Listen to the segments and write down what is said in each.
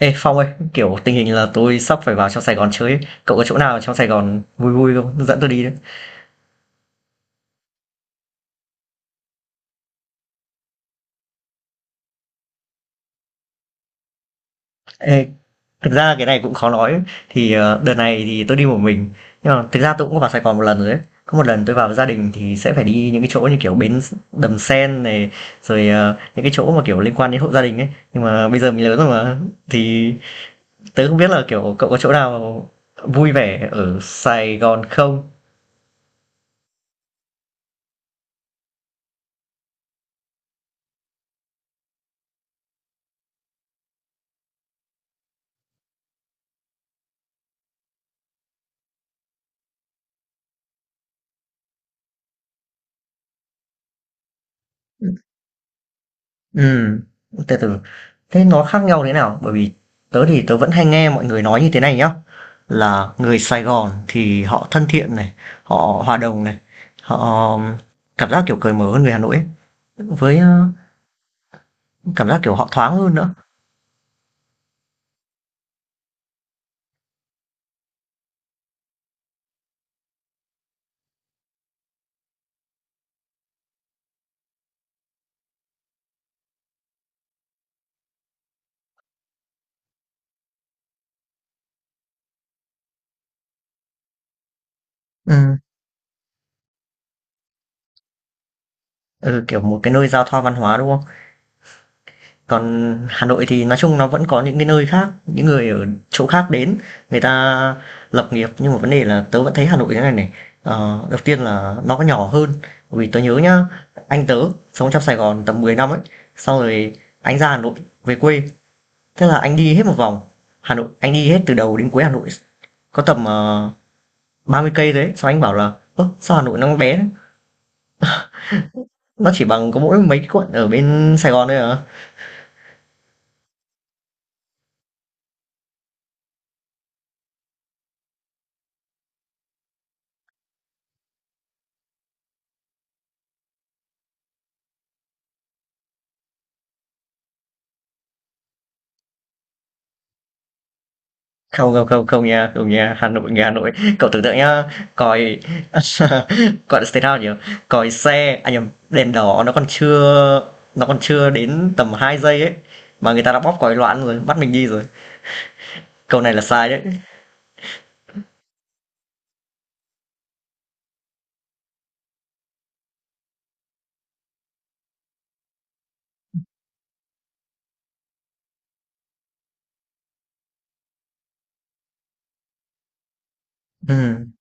Ê Phong ơi, kiểu tình hình là tôi sắp phải vào trong Sài Gòn chơi ấy. Cậu có chỗ nào trong Sài Gòn vui vui không? Dẫn tôi đi đấy. Ê, thực ra cái này cũng khó nói. Ấy. Thì đợt này thì tôi đi một mình. Nhưng mà thực ra tôi cũng có vào Sài Gòn một lần rồi ấy. Có một lần tôi vào với gia đình thì sẽ phải đi những cái chỗ như kiểu bến Đầm Sen này, rồi những cái chỗ mà kiểu liên quan đến hộ gia đình ấy. Nhưng mà bây giờ mình lớn rồi mà. Thì tớ không biết là kiểu cậu có chỗ nào vui vẻ ở Sài Gòn không? Ừ, từ từ, thế nó khác nhau thế nào? Bởi vì tớ vẫn hay nghe mọi người nói như thế này nhá, là người Sài Gòn thì họ thân thiện này, họ hòa đồng này, họ um, cảm giác kiểu cởi mở hơn người Hà Nội ấy, với, ơ, cảm giác kiểu họ thoáng hơn nữa. Ừm, ừ, kiểu một cái nơi giao thoa văn hóa, đúng không? Còn Hà Nội thì nói chung nó vẫn có những cái nơi khác, những người ở chỗ khác đến, người ta lập nghiệp nhưng mà vấn đề là tớ vẫn thấy Hà Nội thế này này. Ờ, đầu tiên là nó có nhỏ hơn, vì tớ nhớ nhá, anh tớ sống trong Sài Gòn tầm 10 năm ấy, sau rồi anh ra Hà Nội về quê, thế là anh đi hết một vòng Hà Nội, anh đi hết từ đầu đến cuối Hà Nội, có tầm 30 cây đấy, sau anh bảo là: "Ơ, sao Hà Nội nó bé thế? Nó chỉ bằng có mỗi mấy quận ở bên Sài Gòn thôi à." Không, không, không, không nha, không nha, Hà Nội, người Hà Nội. Cậu tưởng tượng nhá, còi gọi là thế nào nhỉ? Còi xe, à nhầm, đèn đỏ nó còn chưa đến tầm 2 giây ấy mà người ta đã bóp còi loạn rồi, bắt mình đi rồi. Câu này là sai đấy. Ừm,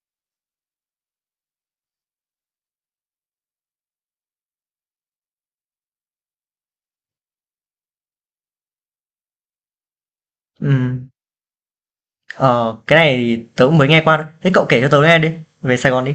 ừm. Ờ, cái này thì tớ cũng mới nghe qua thôi. Thế cậu kể cho tớ nghe đi, về Sài Gòn đi.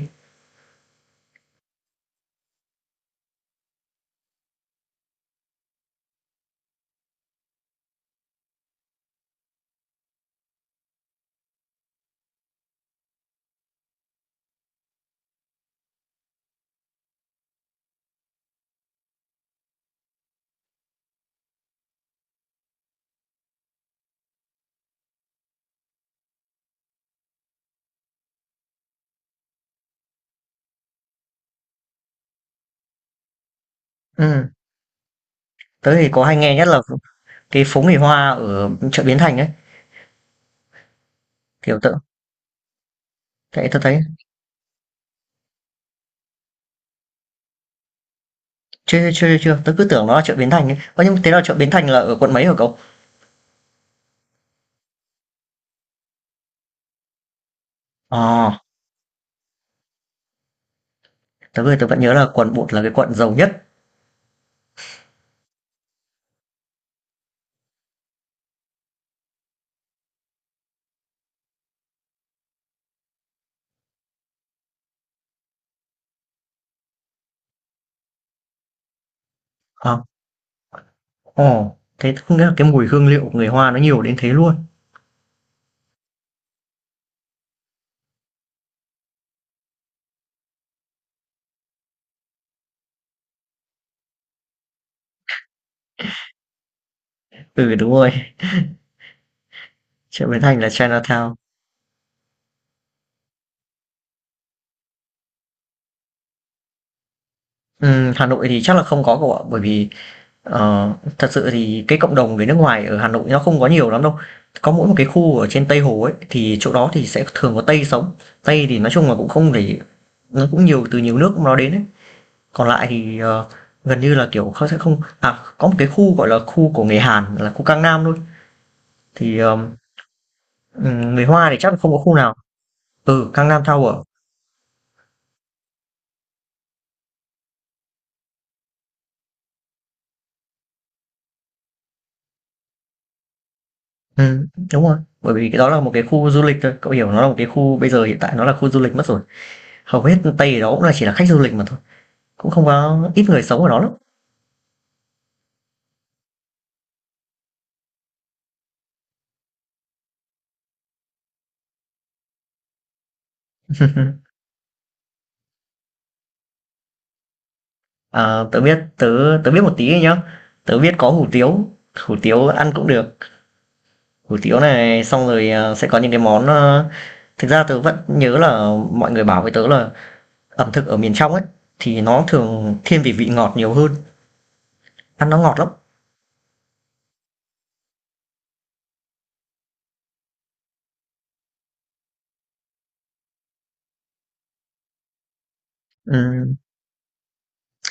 Ừm, tớ thì có hay nghe nhất là cái phố người Hoa ở chợ Bến Thành ấy, kiểu tớ thế tớ thấy chưa chưa chưa chưa, tớ cứ tưởng nó là chợ Bến Thành ấy. Ơ nhưng thế là chợ Bến Thành là ở quận mấy hả cậu? Ờ, tớ ơi, tớ vẫn nhớ là quận bột là cái quận giàu nhất. Ờ, ồ, thế không nghĩa là cái mùi hương liệu của người Hoa nó nhiều đến thế luôn. Ừ, đúng rồi. Chợ Bến Thành là Chinatown. Hà Nội thì chắc là không có cậu ạ, bởi vì ờ, thật sự thì cái cộng đồng người nước ngoài ở Hà Nội nó không có nhiều lắm đâu. Có mỗi một cái khu ở trên Tây Hồ ấy, thì chỗ đó thì sẽ thường có Tây sống. Tây thì nói chung là cũng không để, nó cũng nhiều từ nhiều nước nó đến ấy. Còn lại thì ờ, gần như là kiểuเขาsẽ không, sẽ không à, có một cái khu gọi là khu của người Hàn là khu Cang Nam thôi. Thì ờ, Ừ, người Hoa thì chắc là không có khu nào. Ừ, Gangnam Tower. Ừ, đúng rồi. Bởi vì cái đó là một cái khu du lịch thôi. Cậu hiểu nó là một cái khu bây giờ hiện tại nó là khu du lịch mất rồi. Hầu hết Tây ở đó cũng là chỉ là khách du lịch mà thôi. Cũng không có ít người sống ở đó lắm. À, tớ biết tớ tớ biết một tí nhá. Tớ biết có hủ tiếu ăn cũng được. Hủ tiếu này xong rồi à, sẽ có những cái món à, thực ra tớ vẫn nhớ là mọi người bảo với tớ là ẩm thực ở miền trong ấy thì nó thường thiên về vị ngọt nhiều hơn, ăn nó ngọt lắm. Ừ,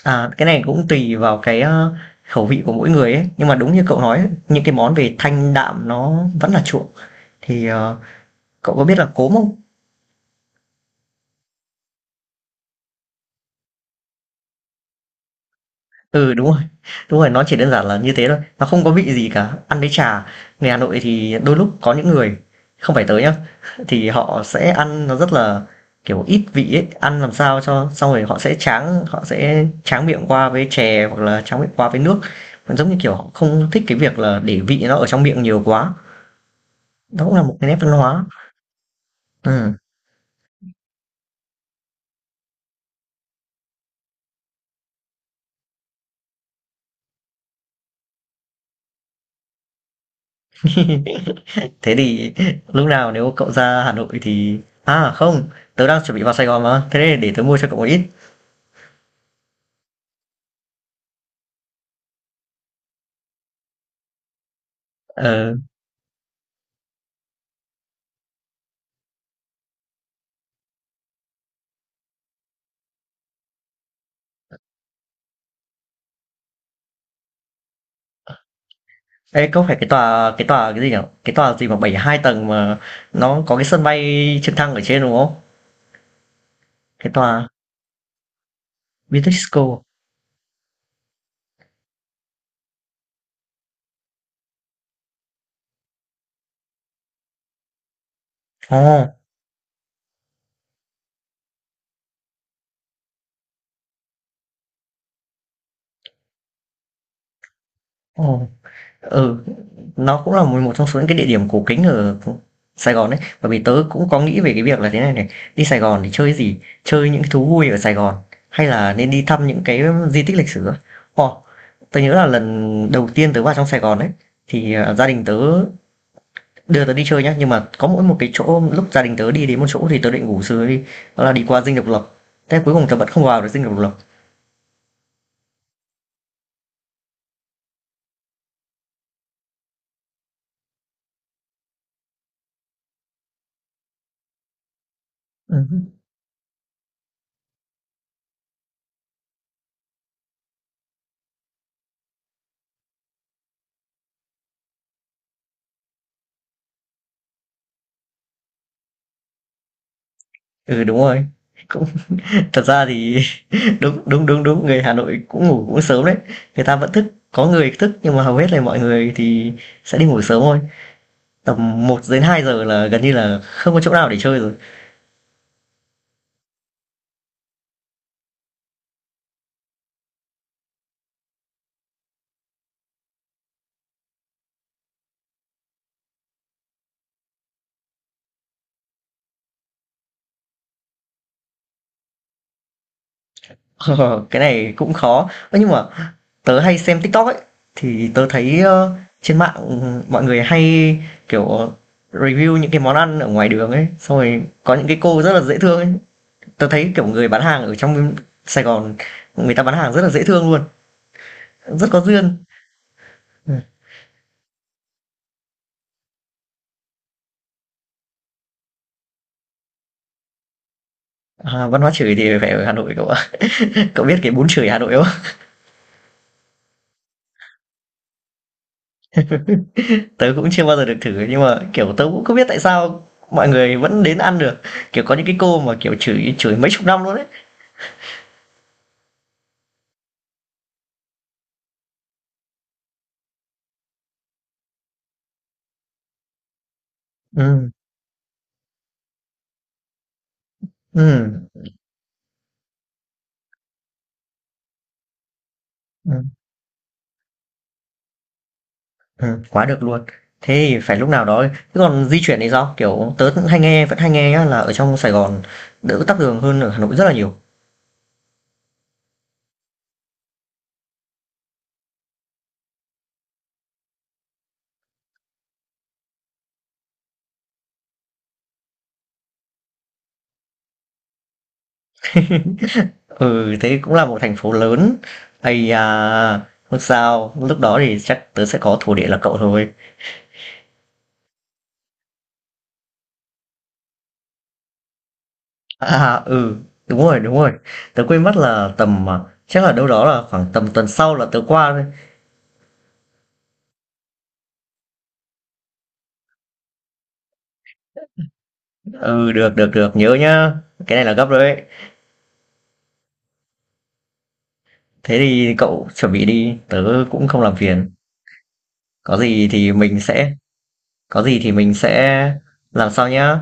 à, cái này cũng tùy vào cái, ơ, khẩu vị của mỗi người ấy, nhưng mà đúng như cậu nói ấy, những cái món về thanh đạm nó vẫn là chuộng. Thì, ờ, cậu có biết là cốm không? Ừ, đúng rồi, nó chỉ đơn giản là như thế thôi, nó không có vị gì cả, ăn với trà. Người Hà Nội thì đôi lúc có những người không phải tới nhá, thì họ sẽ ăn nó rất là, kiểu, ít vị ấy, ăn làm sao cho xong rồi họ sẽ tráng miệng qua với chè hoặc là tráng miệng qua với nước. Giống như, kiểu, họ không thích cái việc là để vị nó ở trong miệng nhiều quá. Nó cũng là một cái nét văn hóa. Ừm, thế thì lúc nào nếu cậu ra Hà Nội thì à, không, tớ đang chuẩn bị vào Sài Gòn mà, thế nên để tớ mua cho cậu một ít. Ờ, ê, có phải cái tòa cái gì nhỉ? Cái tòa gì mà 72 tầng mà nó có cái sân bay trực thăng ở trên đúng không? Cái tòa Vitexco. Ồ, ồ. Ừ, nó cũng là một một trong số những cái địa điểm cổ kính ở Sài Gòn đấy. Bởi vì tớ cũng có nghĩ về cái việc là thế này này, đi Sài Gòn thì chơi gì? Chơi những cái thú vui ở Sài Gòn hay là nên đi thăm những cái di tích lịch sử á? Ồ, tớ nhớ là lần đầu tiên tớ vào trong Sài Gòn đấy thì, à, gia đình tớ đưa tớ đi chơi nhá, nhưng mà có mỗi một cái chỗ lúc gia đình tớ đi đến một chỗ thì tớ định ngủ sớm đi, đó là đi qua Dinh Độc Lập. Thế cuối cùng tớ vẫn không vào được Dinh Độc Lập. Ừm. Ừ, đúng rồi. Cũng thật ra thì đúng, đúng, đúng, đúng, người Hà Nội cũng ngủ cũng sớm đấy. Người ta vẫn thức, có người thức nhưng mà hầu hết là mọi người thì sẽ đi ngủ sớm thôi. Tầm 1 đến 2 giờ là gần như là không có chỗ nào để chơi rồi. Ờ, cái này cũng khó. Ơ, nhưng mà tớ hay xem TikTok ấy, thì tớ thấy, ơ, trên mạng, mọi người hay, kiểu, review những cái món ăn ở ngoài đường ấy, xong rồi có những cái cô rất là dễ thương ấy. Tớ thấy, kiểu, người bán hàng ở trong Sài Gòn, người ta bán hàng rất là dễ thương luôn, rất có duyên. Ờ. À, văn hóa chửi thì phải ở Hà Nội cậu ạ. Cậu biết cái bún chửi Hà Nội không? Tớ cũng chưa bao giờ được thử nhưng mà kiểu tớ cũng không biết tại sao mọi người vẫn đến ăn được. Kiểu có những cái cô mà kiểu chửi chửi mấy chục năm luôn đấy. Ừ, ừ, ừ, ừ, quá được luôn. Thế thì phải lúc nào đó. Thế còn di chuyển thì sao? Kiểu tớ cũng hay nghe vẫn hay nghe nhá, là ở trong Sài Gòn đỡ tắc đường hơn ở Hà Nội rất là nhiều. Ừ, thế cũng là một thành phố lớn. Ây à, không sao, lúc đó thì chắc tớ sẽ có thổ địa là cậu thôi. À, à, ừ, đúng rồi, đúng rồi. Tớ quên mất là tầm à, chắc là đâu đó là khoảng tầm tuần sau là tớ qua thôi. Ừ, được, được, được, nhớ nhá. Cái này là gấp rồi đấy. Thế thì cậu chuẩn bị đi, tớ cũng không làm phiền. Có gì thì mình sẽ, có gì thì mình sẽ làm sao nhá.